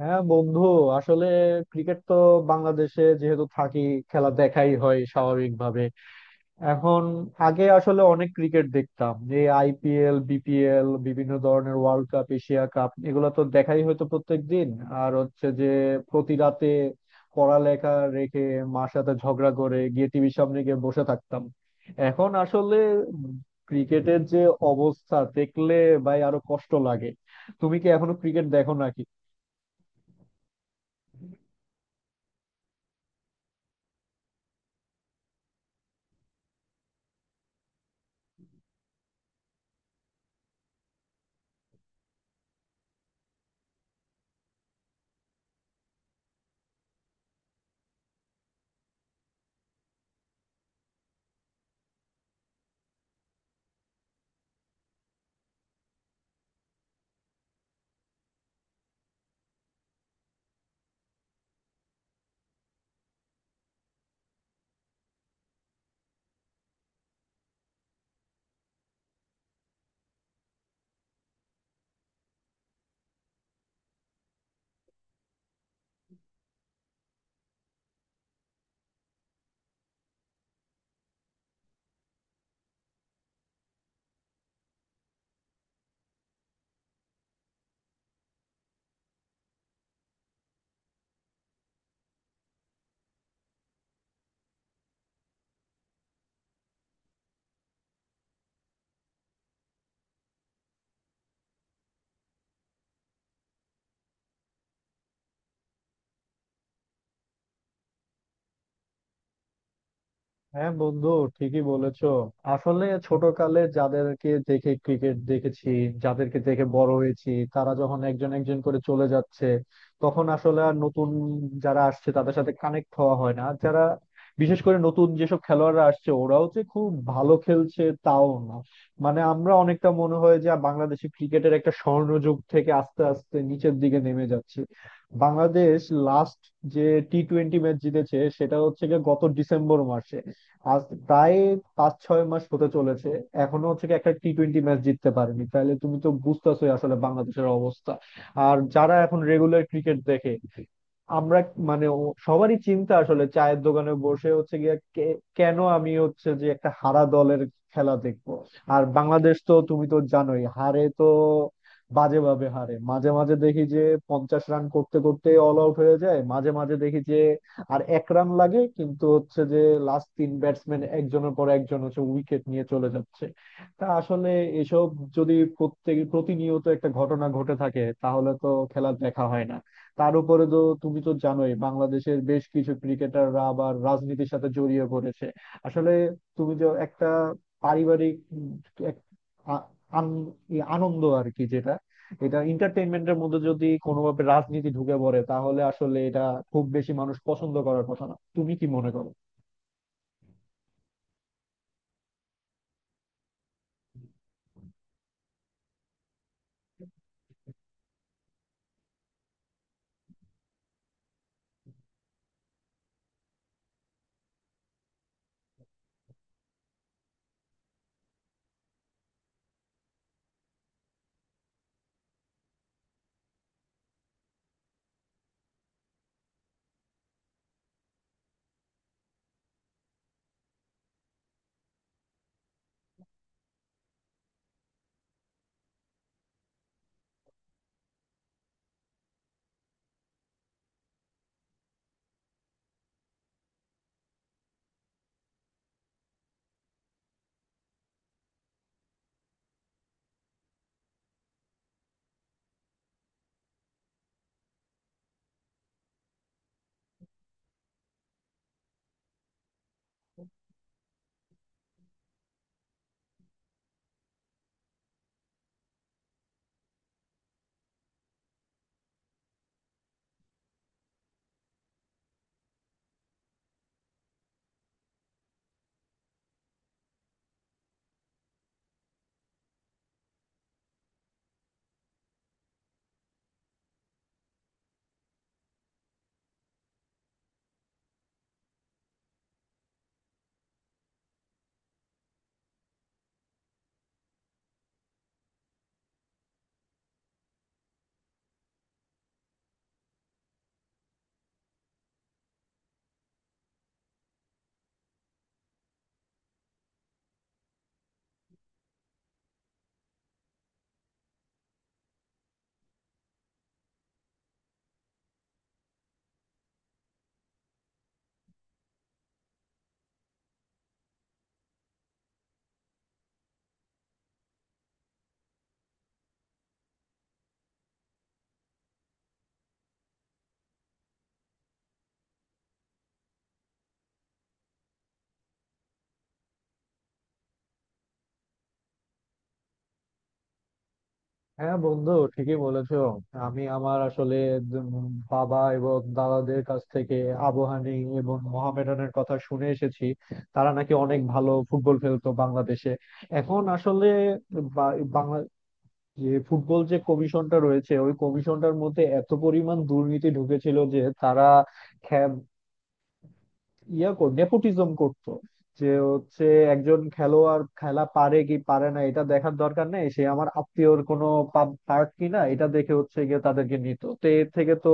হ্যাঁ বন্ধু, আসলে ক্রিকেট তো বাংলাদেশে যেহেতু থাকি, খেলা দেখাই হয় স্বাভাবিকভাবে। এখন, আগে আসলে অনেক ক্রিকেট দেখতাম। এই আইপিএল, বিপিএল, বিভিন্ন ধরনের ওয়ার্ল্ড কাপ, এশিয়া কাপ, এগুলো তো দেখাই হয়তো প্রত্যেক দিন। আর হচ্ছে যে প্রতি রাতে পড়ালেখা রেখে মার সাথে ঝগড়া করে গিয়ে টিভির সামনে গিয়ে বসে থাকতাম। এখন আসলে ক্রিকেটের যে অবস্থা দেখলে ভাই আরো কষ্ট লাগে। তুমি কি এখনো ক্রিকেট দেখো নাকি? হ্যাঁ বন্ধু, ঠিকই বলেছো। আসলে ছোটকালে যাদেরকে দেখে ক্রিকেট দেখেছি, যাদেরকে দেখে বড় হয়েছি, তারা যখন একজন একজন করে চলে যাচ্ছে, তখন আসলে আর নতুন যারা আসছে তাদের সাথে কানেক্ট হওয়া হয় না। যারা, বিশেষ করে নতুন যেসব খেলোয়াড়রা আসছে, ওরাও যে খুব ভালো খেলছে তাও না। মানে আমরা অনেকটা মনে হয় যে বাংলাদেশি ক্রিকেটের একটা স্বর্ণযুগ থেকে আস্তে আস্তে নিচের দিকে নেমে যাচ্ছে। বাংলাদেশ লাস্ট যে টি টোয়েন্টি ম্যাচ জিতেছে সেটা হচ্ছে গিয়ে গত ডিসেম্বর মাসে। আজ প্রায় 5-6 মাস হতে চলেছে। এখনো হচ্ছে কি একটা টি টোয়েন্টি ম্যাচ জিততে পারেনি, তাহলে তুমি তো বুঝতেছোই আসলে বাংলাদেশের অবস্থা। আর যারা এখন রেগুলার ক্রিকেট দেখে, আমরা মানে সবারই চিন্তা আসলে চায়ের দোকানে বসে হচ্ছে গিয়ে কেন আমি হচ্ছে যে একটা হারা দলের খেলা দেখবো। আর বাংলাদেশ তো তুমি তো জানোই হারে তো, বাজেভাবে হারে। মাঝে মাঝে দেখি যে 50 রান করতে করতে অল আউট হয়ে যায়, মাঝে মাঝে দেখি যে আর এক রান লাগে কিন্তু হচ্ছে যে লাস্ট তিন ব্যাটসম্যান একজনের পর একজন হচ্ছে উইকেট নিয়ে চলে যাচ্ছে। তা আসলে এসব যদি প্রত্যেক প্রতিনিয়ত একটা ঘটনা ঘটে থাকে তাহলে তো খেলা দেখা হয় না। তার উপরে তো তুমি তো জানোই বাংলাদেশের বেশ কিছু ক্রিকেটাররা আবার রাজনীতির সাথে জড়িয়ে পড়েছে। আসলে তুমি যে একটা পারিবারিক উম, এক আ- আন- ই- আনন্দ আর কি, যেটা এটা এন্টারটেইনমেন্টের মধ্যে যদি কোনোভাবে রাজনীতি ঢুকে পড়ে তাহলে আসলে এটা খুব বেশি মানুষ পছন্দ করার কথা না। তুমি কি মনে করো? হ্যাঁ বন্ধু, ঠিকই বলেছো। আমি আমার আসলে বাবা এবং দাদাদের কাছ থেকে আবু হানি এবং মোহামেডানের কথা শুনে এসেছি। তারা নাকি অনেক ভালো ফুটবল খেলতো বাংলাদেশে। এখন আসলে বাংলা যে ফুটবল যে কমিশনটা রয়েছে, ওই কমিশনটার মধ্যে এত পরিমাণ দুর্নীতি ঢুকেছিল যে তারা ইয়া কর নেপোটিজম করতো। যে হচ্ছে একজন খেলোয়াড় খেলা পারে কি পারে না এটা দেখার দরকার নেই, সে আমার আত্মীয়র কোনো পার্ট কিনা এটা দেখে হচ্ছে গিয়ে তাদেরকে নিত। তো এর থেকে তো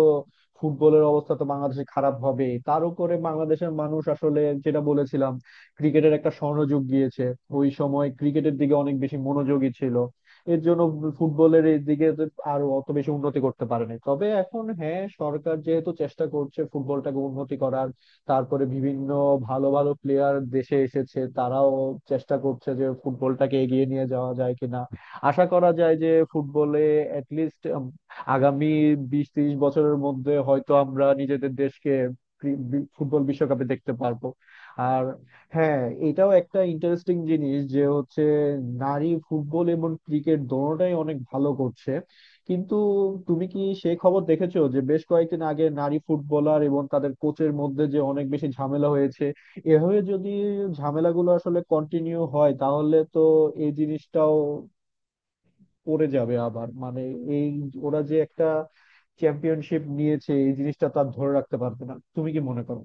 ফুটবলের অবস্থা তো বাংলাদেশে খারাপ হবে। তার উপরে বাংলাদেশের মানুষ আসলে, যেটা বলেছিলাম, ক্রিকেটের একটা স্বর্ণযুগ গিয়েছে, ওই সময় ক্রিকেটের দিকে অনেক বেশি মনোযোগী ছিল, এর জন্য ফুটবলের এই দিকে তো আরো অত বেশি উন্নতি করতে পারেনি। তবে এখন হ্যাঁ সরকার যেহেতু চেষ্টা করছে ফুটবলটাকে উন্নতি করার, তারপরে বিভিন্ন ভালো ভালো প্লেয়ার দেশে এসেছে, তারাও চেষ্টা করছে যে ফুটবলটাকে এগিয়ে নিয়ে যাওয়া যায় কিনা। আশা করা যায় যে ফুটবলে অ্যাটলিস্ট আগামী 20-30 বছরের মধ্যে হয়তো আমরা নিজেদের দেশকে ফুটবল বিশ্বকাপে দেখতে পারবো। আর হ্যাঁ, এটাও একটা ইন্টারেস্টিং জিনিস যে হচ্ছে নারী ফুটবল এবং ক্রিকেট দোনোটাই অনেক ভালো করছে, কিন্তু তুমি কি সেই খবর দেখেছো যে বেশ কয়েকদিন আগে নারী ফুটবলার এবং তাদের কোচের মধ্যে যে অনেক বেশি ঝামেলা হয়েছে? এভাবে যদি ঝামেলাগুলো আসলে কন্টিনিউ হয় তাহলে তো এই জিনিসটাও পড়ে যাবে আবার। মানে এই, ওরা যে একটা চ্যাম্পিয়নশিপ নিয়েছে এই জিনিসটা তার ধরে রাখতে পারবে না। তুমি কি মনে করো?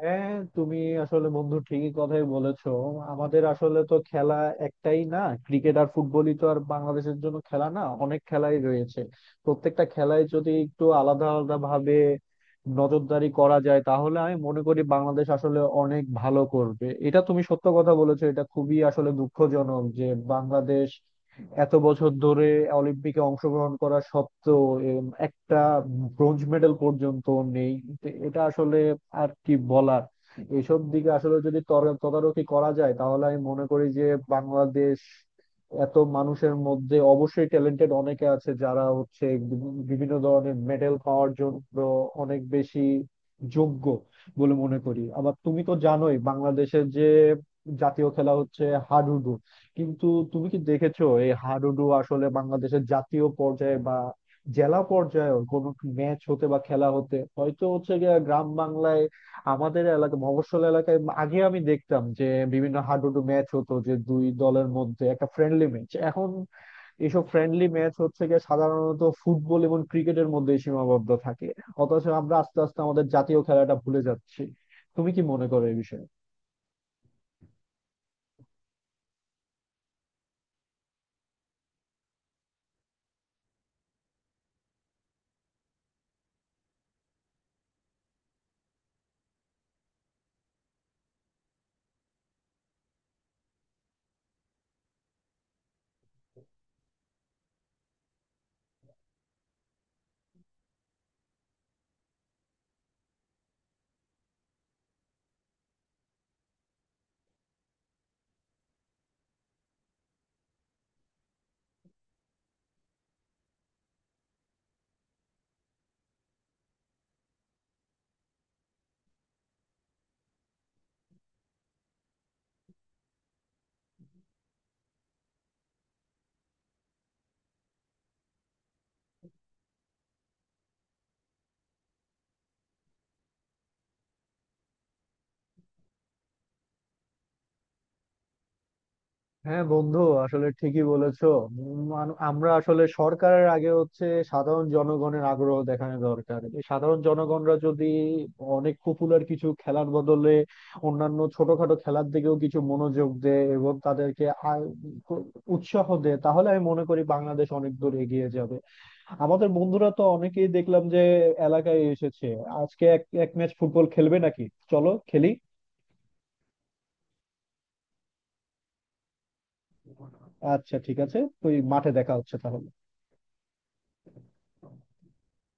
হ্যাঁ, তুমি আসলে বন্ধু ঠিকই কথাই বলেছো। আমাদের আসলে তো খেলা একটাই না, ক্রিকেট আর ফুটবলই তো আর বাংলাদেশের জন্য খেলা না, অনেক খেলাই রয়েছে। প্রত্যেকটা খেলায় যদি একটু আলাদা আলাদা ভাবে নজরদারি করা যায় তাহলে আমি মনে করি বাংলাদেশ আসলে অনেক ভালো করবে। এটা তুমি সত্য কথা বলেছো। এটা খুবই আসলে দুঃখজনক যে বাংলাদেশ এত বছর ধরে অলিম্পিকে অংশগ্রহণ করা সত্ত্বেও এরম একটা ব্রোঞ্জ মেডেল পর্যন্ত নেই। তো এটা আসলে আর কি বলার। এসব দিকে আসলে যদি তদারকি করা যায় তাহলে আমি মনে করি যে বাংলাদেশ এত মানুষের মধ্যে অবশ্যই ট্যালেন্টেড অনেকে আছে, যারা হচ্ছে বিভিন্ন ধরনের মেডেল পাওয়ার জন্য অনেক বেশি যোগ্য বলে মনে করি। আবার তুমি তো জানোই বাংলাদেশের যে জাতীয় খেলা হচ্ছে হাডুডু, কিন্তু তুমি কি দেখেছো এই হাডুডু আসলে বাংলাদেশের জাতীয় পর্যায়ে বা জেলা পর্যায়ে কোনো ম্যাচ হতে বা খেলা হতে হয়তো হচ্ছে গিয়ে গ্রাম বাংলায়? আমাদের এলাকা, মফস্বল এলাকায় আগে আমি দেখতাম যে বিভিন্ন হাডুডু ম্যাচ হতো, যে দুই দলের মধ্যে একটা ফ্রেন্ডলি ম্যাচ। এখন এসব ফ্রেন্ডলি ম্যাচ হচ্ছে গিয়ে সাধারণত ফুটবল এবং ক্রিকেটের মধ্যে সীমাবদ্ধ থাকে। অথচ আমরা আস্তে আস্তে আমাদের জাতীয় খেলাটা ভুলে যাচ্ছি। তুমি কি মনে করো এই বিষয়ে? হ্যাঁ বন্ধু, আসলে ঠিকই বলেছো। আমরা আসলে সরকারের আগে হচ্ছে সাধারণ জনগণের আগ্রহ দেখানো দরকার। এই সাধারণ জনগণরা যদি অনেক পপুলার কিছু খেলার বদলে অন্যান্য ছোটখাটো খেলার দিকেও কিছু মনোযোগ দেয় এবং তাদেরকে আ- উৎসাহ দেয় তাহলে আমি মনে করি বাংলাদেশ অনেক দূর এগিয়ে যাবে। আমাদের বন্ধুরা তো অনেকেই দেখলাম যে এলাকায় এসেছে আজকে, এক এক ম্যাচ ফুটবল খেলবে নাকি, চলো খেলি। আচ্ছা ঠিক আছে, তুই মাঠে দেখা হচ্ছে তাহলে।